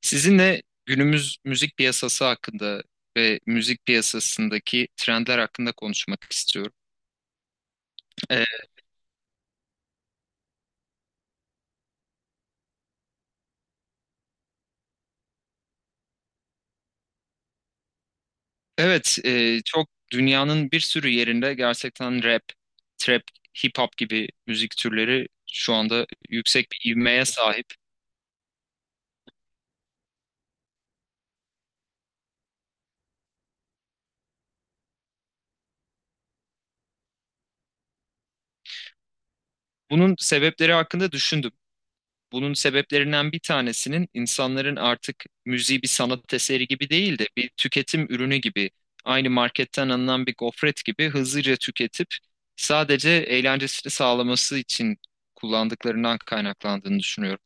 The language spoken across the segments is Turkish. Sizinle günümüz müzik piyasası hakkında ve müzik piyasasındaki trendler hakkında konuşmak istiyorum. Ee, evet, çok dünyanın bir sürü yerinde gerçekten rap, trap, hip hop gibi müzik türleri şu anda yüksek bir ivmeye sahip. Bunun sebepleri hakkında düşündüm. Bunun sebeplerinden bir tanesinin insanların artık müziği bir sanat eseri gibi değil de bir tüketim ürünü gibi, aynı marketten alınan bir gofret gibi hızlıca tüketip sadece eğlencesini sağlaması için kullandıklarından kaynaklandığını düşünüyorum.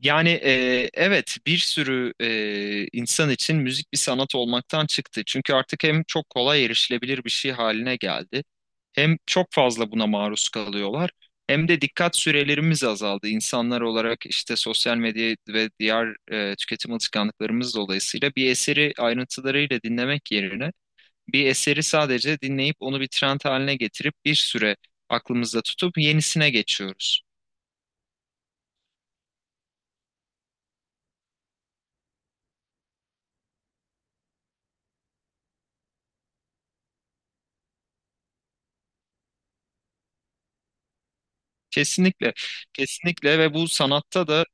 Yani, evet, bir sürü insan için müzik bir sanat olmaktan çıktı. Çünkü artık hem çok kolay erişilebilir bir şey haline geldi. Hem çok fazla buna maruz kalıyorlar hem de dikkat sürelerimiz azaldı. İnsanlar olarak işte sosyal medya ve diğer tüketim alışkanlıklarımız dolayısıyla bir eseri ayrıntılarıyla dinlemek yerine bir eseri sadece dinleyip onu bir trend haline getirip bir süre aklımızda tutup yenisine geçiyoruz. Kesinlikle, kesinlikle, ve bu sanatta da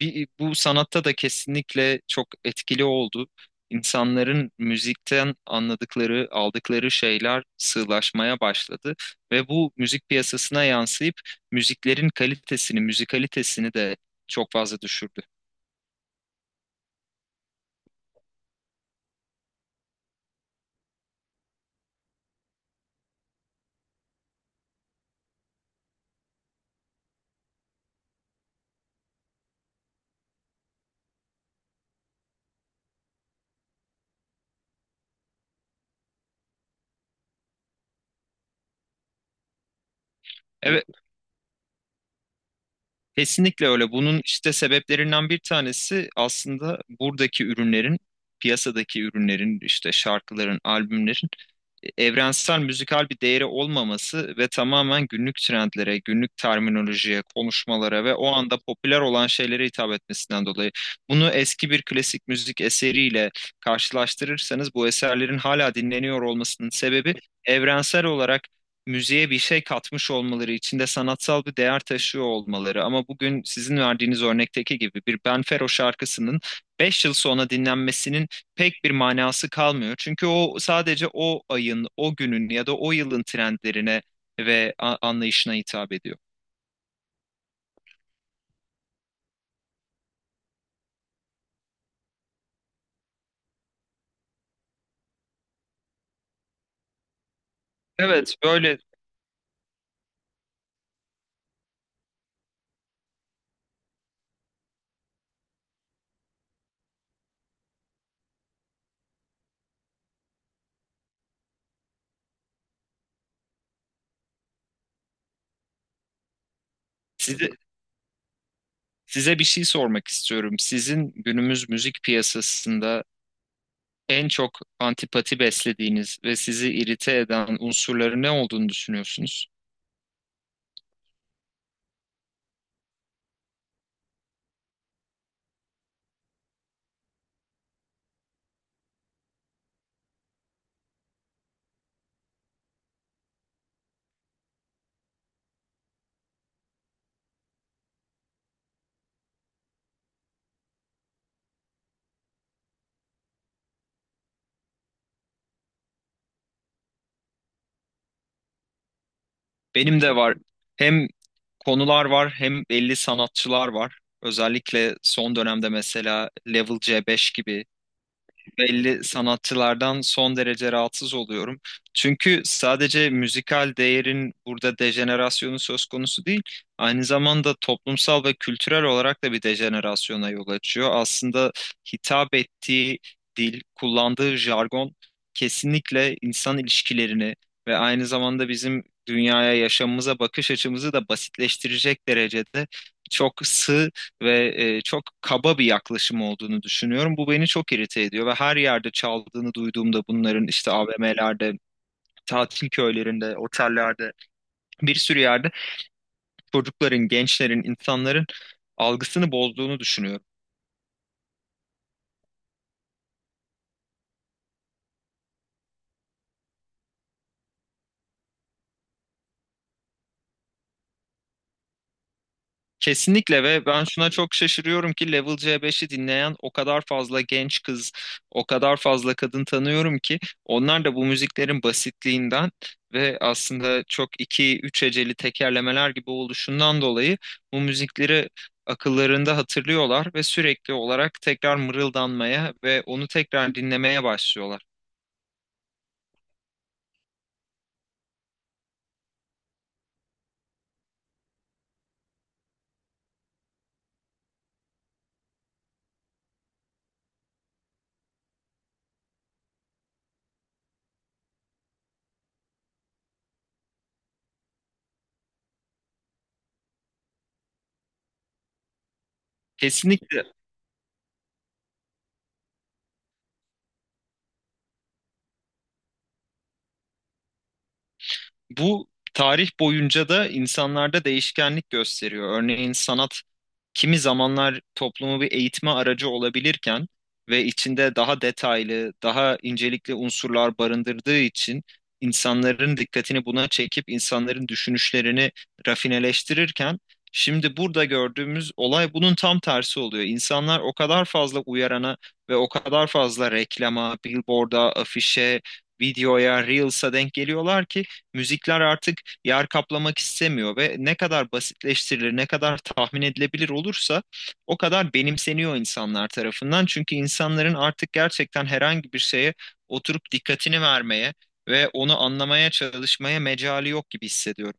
Bir, bu sanatta da kesinlikle çok etkili oldu. İnsanların müzikten anladıkları, aldıkları şeyler sığlaşmaya başladı ve bu müzik piyasasına yansıyıp müziklerin kalitesini, müzikalitesini de çok fazla düşürdü. Evet, kesinlikle öyle. Bunun işte sebeplerinden bir tanesi aslında buradaki ürünlerin, piyasadaki ürünlerin, işte şarkıların, albümlerin evrensel müzikal bir değeri olmaması ve tamamen günlük trendlere, günlük terminolojiye, konuşmalara ve o anda popüler olan şeylere hitap etmesinden dolayı. Bunu eski bir klasik müzik eseriyle karşılaştırırsanız bu eserlerin hala dinleniyor olmasının sebebi evrensel olarak müziğe bir şey katmış olmaları, içinde sanatsal bir değer taşıyor olmaları. Ama bugün sizin verdiğiniz örnekteki gibi bir Ben Fero şarkısının 5 yıl sonra dinlenmesinin pek bir manası kalmıyor. Çünkü o sadece o ayın, o günün ya da o yılın trendlerine ve anlayışına hitap ediyor. Evet, böyle. Size, size bir şey sormak istiyorum. Sizin günümüz müzik piyasasında en çok antipati beslediğiniz ve sizi irite eden unsurları ne olduğunu düşünüyorsunuz? Benim de var. Hem konular var hem belli sanatçılar var. Özellikle son dönemde mesela Level C5 gibi belli sanatçılardan son derece rahatsız oluyorum. Çünkü sadece müzikal değerin burada dejenerasyonu söz konusu değil, aynı zamanda toplumsal ve kültürel olarak da bir dejenerasyona yol açıyor. Aslında hitap ettiği dil, kullandığı jargon kesinlikle insan ilişkilerini ve aynı zamanda bizim dünyaya, yaşamımıza bakış açımızı da basitleştirecek derecede çok sığ ve çok kaba bir yaklaşım olduğunu düşünüyorum. Bu beni çok irite ediyor ve her yerde çaldığını duyduğumda bunların işte AVM'lerde, tatil köylerinde, otellerde bir sürü yerde çocukların, gençlerin, insanların algısını bozduğunu düşünüyorum. Kesinlikle, ve ben şuna çok şaşırıyorum ki Level C5'i dinleyen o kadar fazla genç kız, o kadar fazla kadın tanıyorum ki onlar da bu müziklerin basitliğinden ve aslında çok iki üç heceli tekerlemeler gibi oluşundan dolayı bu müzikleri akıllarında hatırlıyorlar ve sürekli olarak tekrar mırıldanmaya ve onu tekrar dinlemeye başlıyorlar. Kesinlikle, bu tarih boyunca da insanlarda değişkenlik gösteriyor. Örneğin sanat kimi zamanlar toplumu bir eğitme aracı olabilirken ve içinde daha detaylı, daha incelikli unsurlar barındırdığı için insanların dikkatini buna çekip insanların düşünüşlerini rafineleştirirken, şimdi burada gördüğümüz olay bunun tam tersi oluyor. İnsanlar o kadar fazla uyarana ve o kadar fazla reklama, billboard'a, afişe, videoya, reels'a denk geliyorlar ki müzikler artık yer kaplamak istemiyor ve ne kadar basitleştirilir, ne kadar tahmin edilebilir olursa o kadar benimseniyor insanlar tarafından. Çünkü insanların artık gerçekten herhangi bir şeye oturup dikkatini vermeye ve onu anlamaya çalışmaya mecali yok gibi hissediyorum.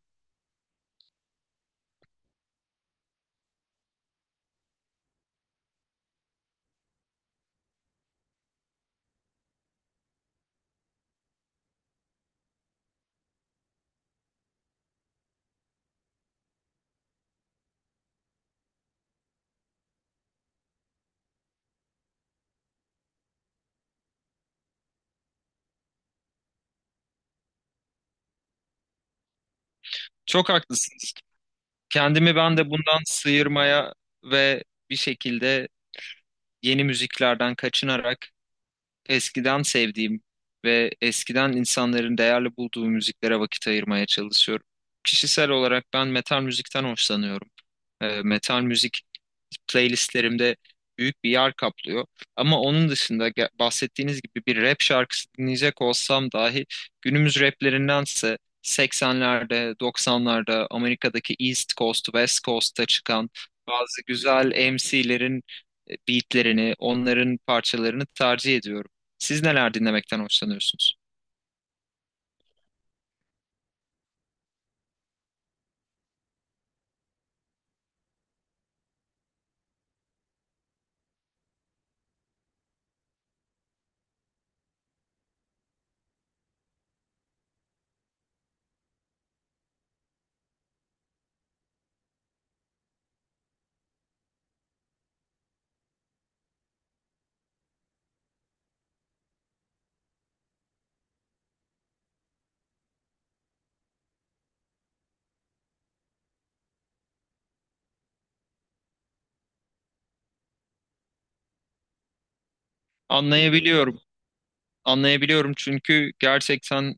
Çok haklısınız. Kendimi ben de bundan sıyırmaya ve bir şekilde yeni müziklerden kaçınarak eskiden sevdiğim ve eskiden insanların değerli bulduğu müziklere vakit ayırmaya çalışıyorum. Kişisel olarak ben metal müzikten hoşlanıyorum. Metal müzik playlistlerimde büyük bir yer kaplıyor. Ama onun dışında bahsettiğiniz gibi bir rap şarkısı dinleyecek olsam dahi günümüz raplerindense 80'lerde, 90'larda Amerika'daki East Coast, West Coast'ta çıkan bazı güzel MC'lerin beatlerini, onların parçalarını tercih ediyorum. Siz neler dinlemekten hoşlanıyorsunuz? Anlayabiliyorum, anlayabiliyorum çünkü gerçekten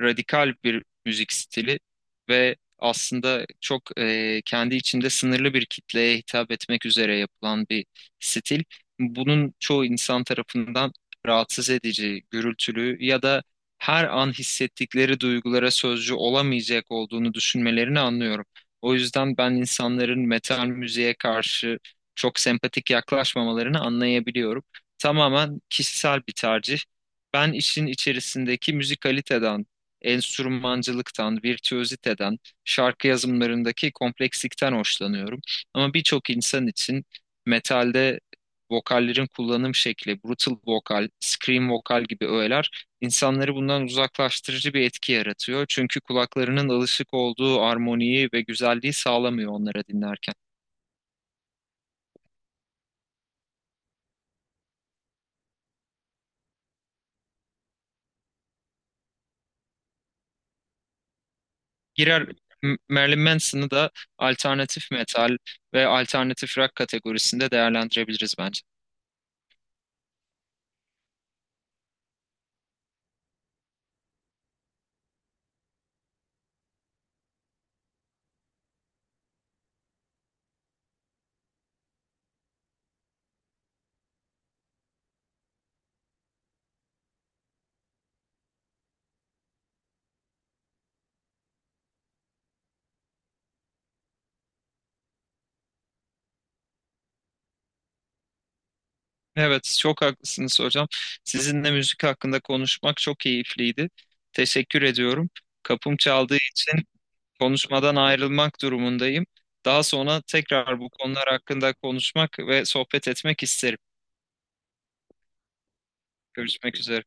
radikal bir müzik stili ve aslında çok kendi içinde sınırlı bir kitleye hitap etmek üzere yapılan bir stil. Bunun çoğu insan tarafından rahatsız edici, gürültülü ya da her an hissettikleri duygulara sözcü olamayacak olduğunu düşünmelerini anlıyorum. O yüzden ben insanların metal müziğe karşı çok sempatik yaklaşmamalarını anlayabiliyorum. Tamamen kişisel bir tercih. Ben işin içerisindeki müzikaliteden, enstrümancılıktan, virtüöziteden, şarkı yazımlarındaki komplekslikten hoşlanıyorum. Ama birçok insan için metalde vokallerin kullanım şekli, brutal vokal, scream vokal gibi öğeler insanları bundan uzaklaştırıcı bir etki yaratıyor. Çünkü kulaklarının alışık olduğu armoniyi ve güzelliği sağlamıyor onlara dinlerken. Girer. Marilyn Manson'ı da alternatif metal ve alternatif rock kategorisinde değerlendirebiliriz bence. Evet, çok haklısınız hocam. Sizinle müzik hakkında konuşmak çok keyifliydi. Teşekkür ediyorum. Kapım çaldığı için konuşmadan ayrılmak durumundayım. Daha sonra tekrar bu konular hakkında konuşmak ve sohbet etmek isterim. Görüşmek üzere.